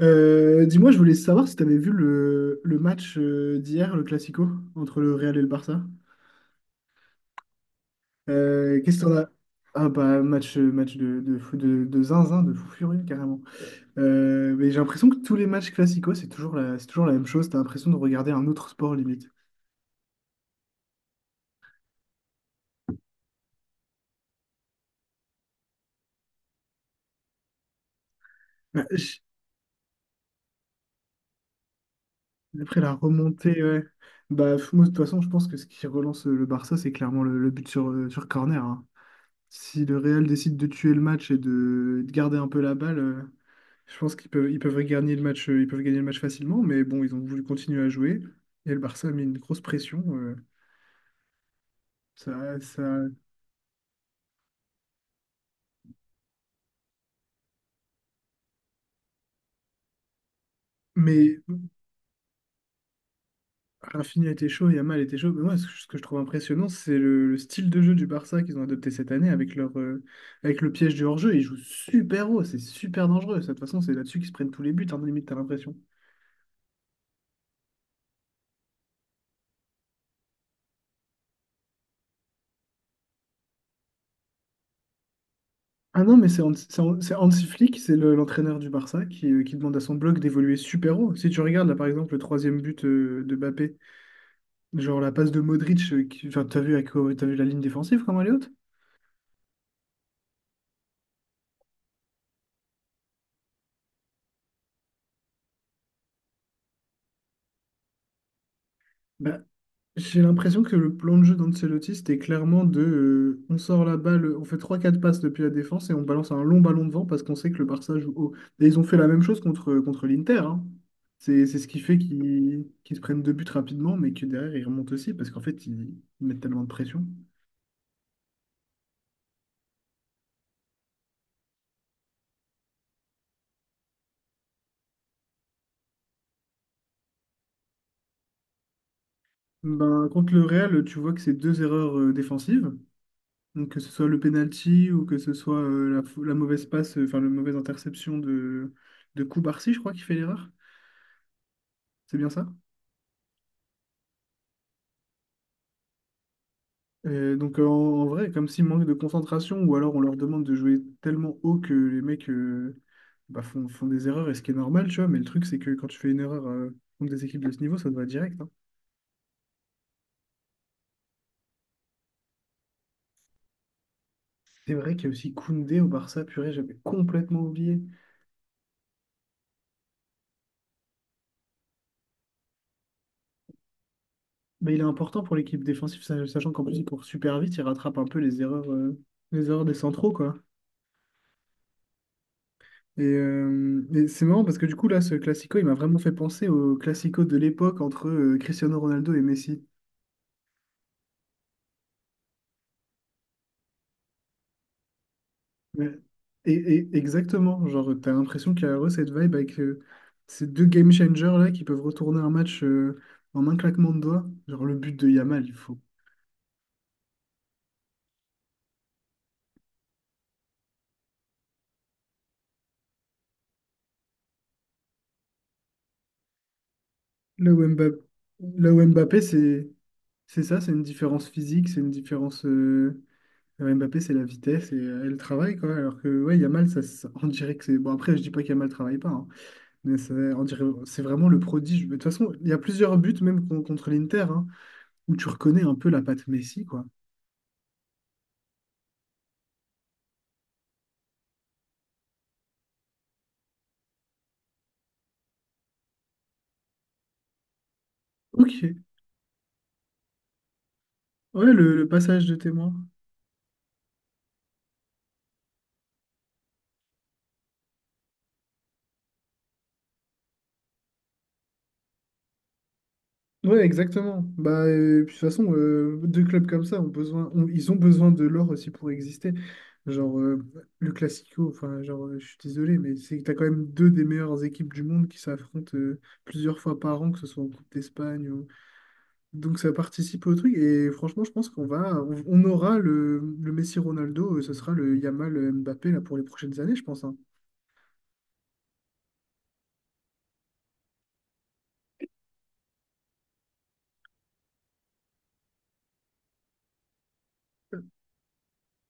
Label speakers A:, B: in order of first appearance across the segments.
A: Dis-moi, je voulais savoir si tu avais vu le match d'hier, le Classico, entre le Real et le Barça. Qu'est-ce que t'en as? Ah bah match, de zinzin, de fou furieux carrément. Mais j'ai l'impression que tous les matchs Classico, c'est toujours la même chose. T'as l'impression de regarder un autre sport limite. Bah, j- Après la remontée, ouais. Moi, de toute façon, je pense que ce qui relance le Barça, c'est clairement le but sur corner, hein. Si le Real décide de tuer le match et de garder un peu la balle. Je pense qu'ils peuvent gagner le match, ils peuvent gagner le match facilement, mais bon, ils ont voulu continuer à jouer. Et le Barça a mis une grosse pression. Ça, ça... Mais Rafinha était chaud, Yamal était chaud. Mais moi, ce que je trouve impressionnant, c'est le style de jeu du Barça qu'ils ont adopté cette année avec avec le piège du hors-jeu. Ils jouent super haut, c'est super dangereux. Ça, de toute façon, c'est là-dessus qu'ils se prennent tous les buts, hein, limite, t'as l'impression. Ah non, mais c'est Hansi Flick, c'est l'entraîneur du Barça qui demande à son bloc d'évoluer super haut. Si tu regardes là par exemple le troisième but de Mbappé. Genre la passe de Modric, enfin, t'as vu, t'as vu la ligne défensive comment elle est haute? Bah, j'ai l'impression que le plan de jeu d'Ancelotti, c'était clairement de on sort la balle, on fait trois quatre passes depuis la défense et on balance un long ballon devant parce qu'on sait que le Barça joue haut. Et ils ont fait la même chose contre l'Inter, hein. C'est ce qui fait qu'ils se prennent deux buts rapidement, mais que derrière ils remontent aussi parce qu'en fait ils mettent tellement de pression. Ben, contre le Real, tu vois que c'est deux erreurs défensives. Donc, que ce soit le penalty ou que ce soit la mauvaise passe, enfin la mauvaise interception de Koubarsi, je crois, qui fait l'erreur. C'est bien ça? Donc en vrai, comme s'il manque de concentration, ou alors on leur demande de jouer tellement haut que les mecs bah, font des erreurs, et ce qui est normal, tu vois, mais le truc c'est que quand tu fais une erreur contre des équipes de ce niveau, ça te va direct, hein. C'est vrai qu'il y a aussi Koundé au Barça, purée, j'avais complètement oublié. Mais il est important pour l'équipe défensive, sachant qu'en plus il court super vite, il rattrape un peu les erreurs des centraux, quoi. Et c'est marrant parce que du coup, là, ce classico, il m'a vraiment fait penser au classico de l'époque entre Cristiano Ronaldo et Messi. Ouais. Exactement, genre, t'as l'impression qu'il y a vraiment cette vibe avec ces deux game changers là qui peuvent retourner un match en un claquement de doigts. Genre, le but de Yamal, il faut. Là où Mbappé, là où Mbappé, c'est ça, c'est une différence physique, c'est une différence. Mbappé, c'est la vitesse et le travail, quoi. Alors que, ouais, Yamal, on dirait que c'est. Bon, après, je dis pas qu'Yamal travaille pas, hein. Mais c'est, on dirait, c'est vraiment le prodige. Mais de toute façon, il y a plusieurs buts, même contre l'Inter, hein, où tu reconnais un peu la patte Messi, quoi. Ok. Ouais, le passage de témoin. Ouais, exactement. Bah, puis de toute façon, deux clubs comme ça ont ils ont besoin de l'or aussi pour exister. Genre, le Classico, enfin, genre, je suis désolé, mais c'est que t'as quand même deux des meilleures équipes du monde qui s'affrontent plusieurs fois par an, que ce soit en Coupe d'Espagne. Donc ça participe au truc et franchement je pense qu'on aura le Messi Ronaldo, ce sera le Yamal Mbappé là pour les prochaines années je pense, hein.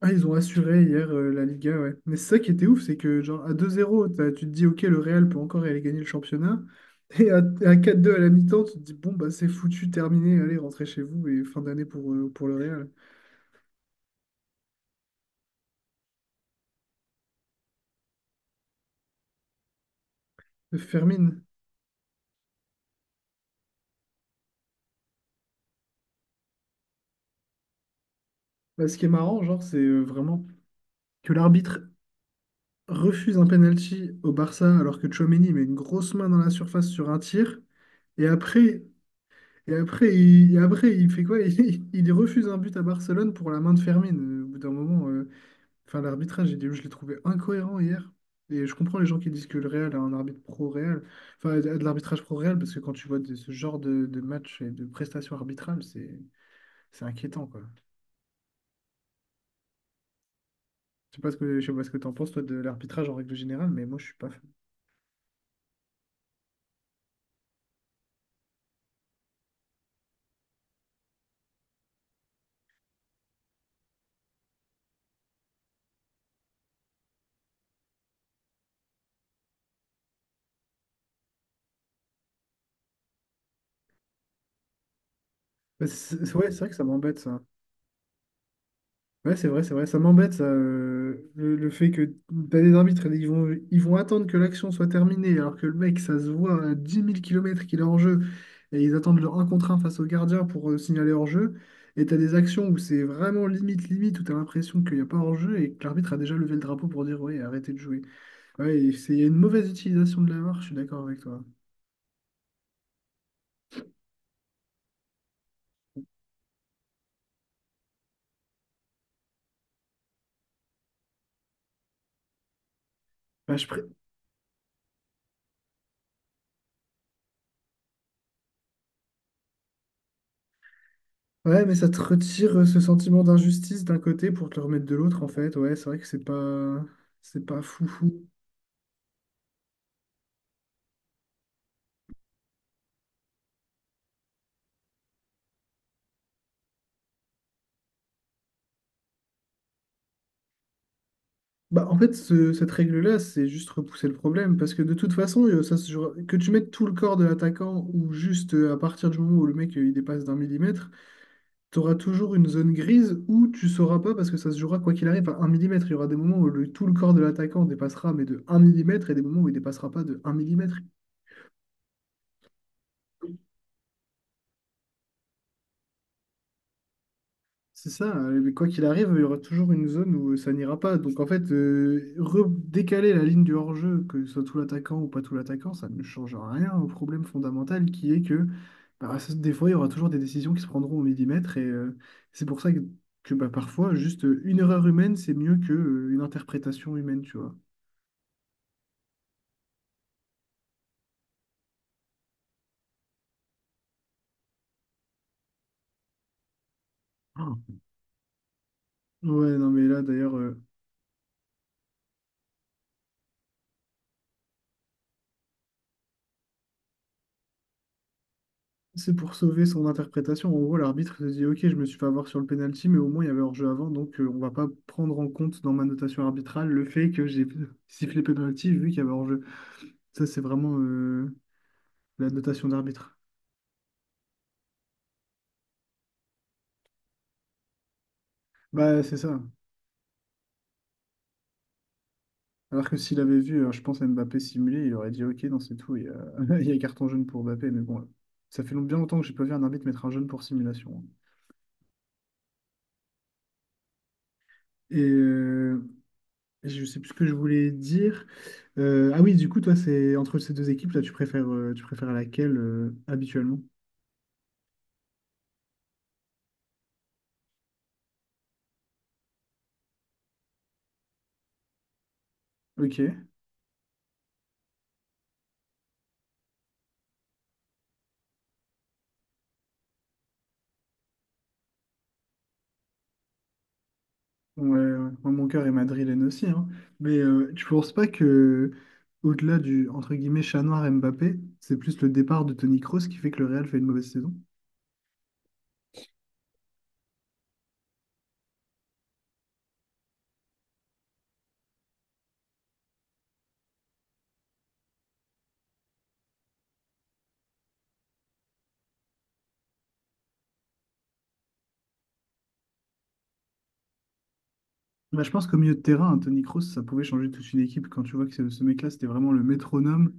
A: Ah ils ont assuré hier la Liga, ouais. Mais c'est ça qui était ouf, c'est que genre à 2-0 tu te dis ok, le Real peut encore aller gagner le championnat et à 4-2 à la mi-temps, tu te dis bon bah c'est foutu, terminé, allez rentrez chez vous et fin d'année pour le Real. Fermin. Bah, ce qui est marrant genre c'est vraiment que l'arbitre refuse un penalty au Barça alors que Tchouaméni met une grosse main dans la surface sur un tir. Et après, et après, il fait quoi? Il refuse un but à Barcelone pour la main de Fermin. Au bout d'un moment, enfin, l'arbitrage, j'ai dit, je l'ai trouvé incohérent hier. Et je comprends les gens qui disent que le Real a un arbitre pro-Real, enfin, a de l'arbitrage pro-Real, parce que quand tu vois ce genre de match et de prestations arbitrales, c'est inquiétant, quoi. Je sais pas ce que, je sais pas ce que t'en penses, toi, de l'arbitrage en règle générale, mais moi, je suis pas fan. Bah, ouais, c'est vrai que ça m'embête, ça. Ouais, c'est vrai, c'est vrai. Ça m'embête, ça, le fait que t'as des arbitres, ils vont attendre que l'action soit terminée, alors que le mec, ça se voit à 10 000 km qu'il est hors jeu, et ils attendent leur 1 contre un face au gardien pour signaler hors jeu. Et t'as des actions où c'est vraiment limite, limite, où t'as l'impression qu'il n'y a pas hors jeu et que l'arbitre a déjà levé le drapeau pour dire, ouais, arrêtez de jouer. Ouais, et c'est il y a une mauvaise utilisation de la VAR, je suis d'accord avec toi. Bah, je pré- Ouais, mais ça te retire ce sentiment d'injustice d'un côté pour te le remettre de l'autre, en fait. Ouais, c'est vrai que c'est pas foufou. Bah, en fait, cette règle-là, c'est juste repousser le problème, parce que de toute façon, que tu mettes tout le corps de l'attaquant ou juste à partir du moment où le mec il dépasse d'un millimètre, tu auras toujours une zone grise où tu sauras pas, parce que ça se jouera quoi qu'il arrive à un millimètre. Il y aura des moments où tout le corps de l'attaquant dépassera, mais de un millimètre, et des moments où il dépassera pas de un millimètre. C'est ça, mais quoi qu'il arrive, il y aura toujours une zone où ça n'ira pas. Donc en fait, redécaler la ligne du hors-jeu, que ce soit tout l'attaquant ou pas tout l'attaquant, ça ne change rien au problème fondamental qui est que bah, ça- des fois, il y aura toujours des décisions qui se prendront au millimètre. Et c'est pour ça que, bah, parfois, juste une erreur humaine, c'est mieux qu'une interprétation humaine, tu vois. Oh. Ouais, non, mais là, d'ailleurs. C'est pour sauver son interprétation. En gros, l'arbitre se dit, OK, je me suis fait avoir sur le penalty, mais au moins il y avait hors-jeu avant, donc on va pas prendre en compte dans ma notation arbitrale le fait que j'ai sifflé penalty vu qu'il y avait hors-jeu. Ça, c'est vraiment la notation d'arbitre. Bah, c'est ça. Alors que s'il avait vu, je pense, à Mbappé simuler, il aurait dit, OK, non, c'est tout, il y a, il y a carton jaune pour Mbappé, mais bon, ça fait bien longtemps que j'ai pas vu un arbitre mettre un jaune pour simulation. Et, euh, Je sais plus ce que je voulais dire. Ah oui, du coup, toi, c'est entre ces deux équipes, là, tu préfères laquelle habituellement? Ok. Ouais, ouais. Moi, mon cœur est madrilène aussi, hein. Mais tu penses pas que, au-delà du entre guillemets chat noir Mbappé, c'est plus le départ de Toni Kroos qui fait que le Real fait une mauvaise saison? Bah, je pense qu'au milieu de terrain, un Toni Kroos, ça pouvait changer toute une équipe quand tu vois que ce mec-là, c'était vraiment le métronome.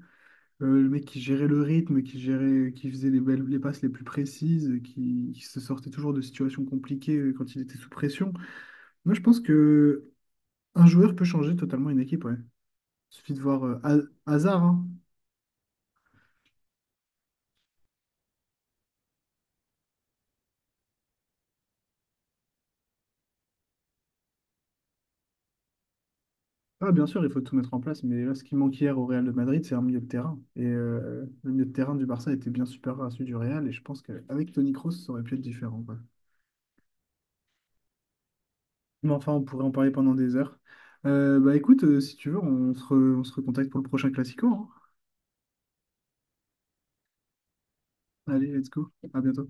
A: Le mec qui gérait le rythme, qui gérait, qui faisait les belles, les passes les plus précises, qui se sortait toujours de situations compliquées quand il était sous pression. Moi, je pense que un joueur peut changer totalement une équipe, ouais. Suffit de voir Hazard, hein. Ah, bien sûr, il faut tout mettre en place, mais là, ce qui manquait hier au Real de Madrid, c'est un milieu de terrain. Et le milieu de terrain du Barça était bien supérieur à celui du Real, et je pense qu'avec Toni Kroos, ça aurait pu être différent, quoi. Mais enfin, on pourrait en parler pendant des heures. Bah écoute, si tu veux, on se recontacte pour le prochain Classico, hein. Allez, let's go. À bientôt.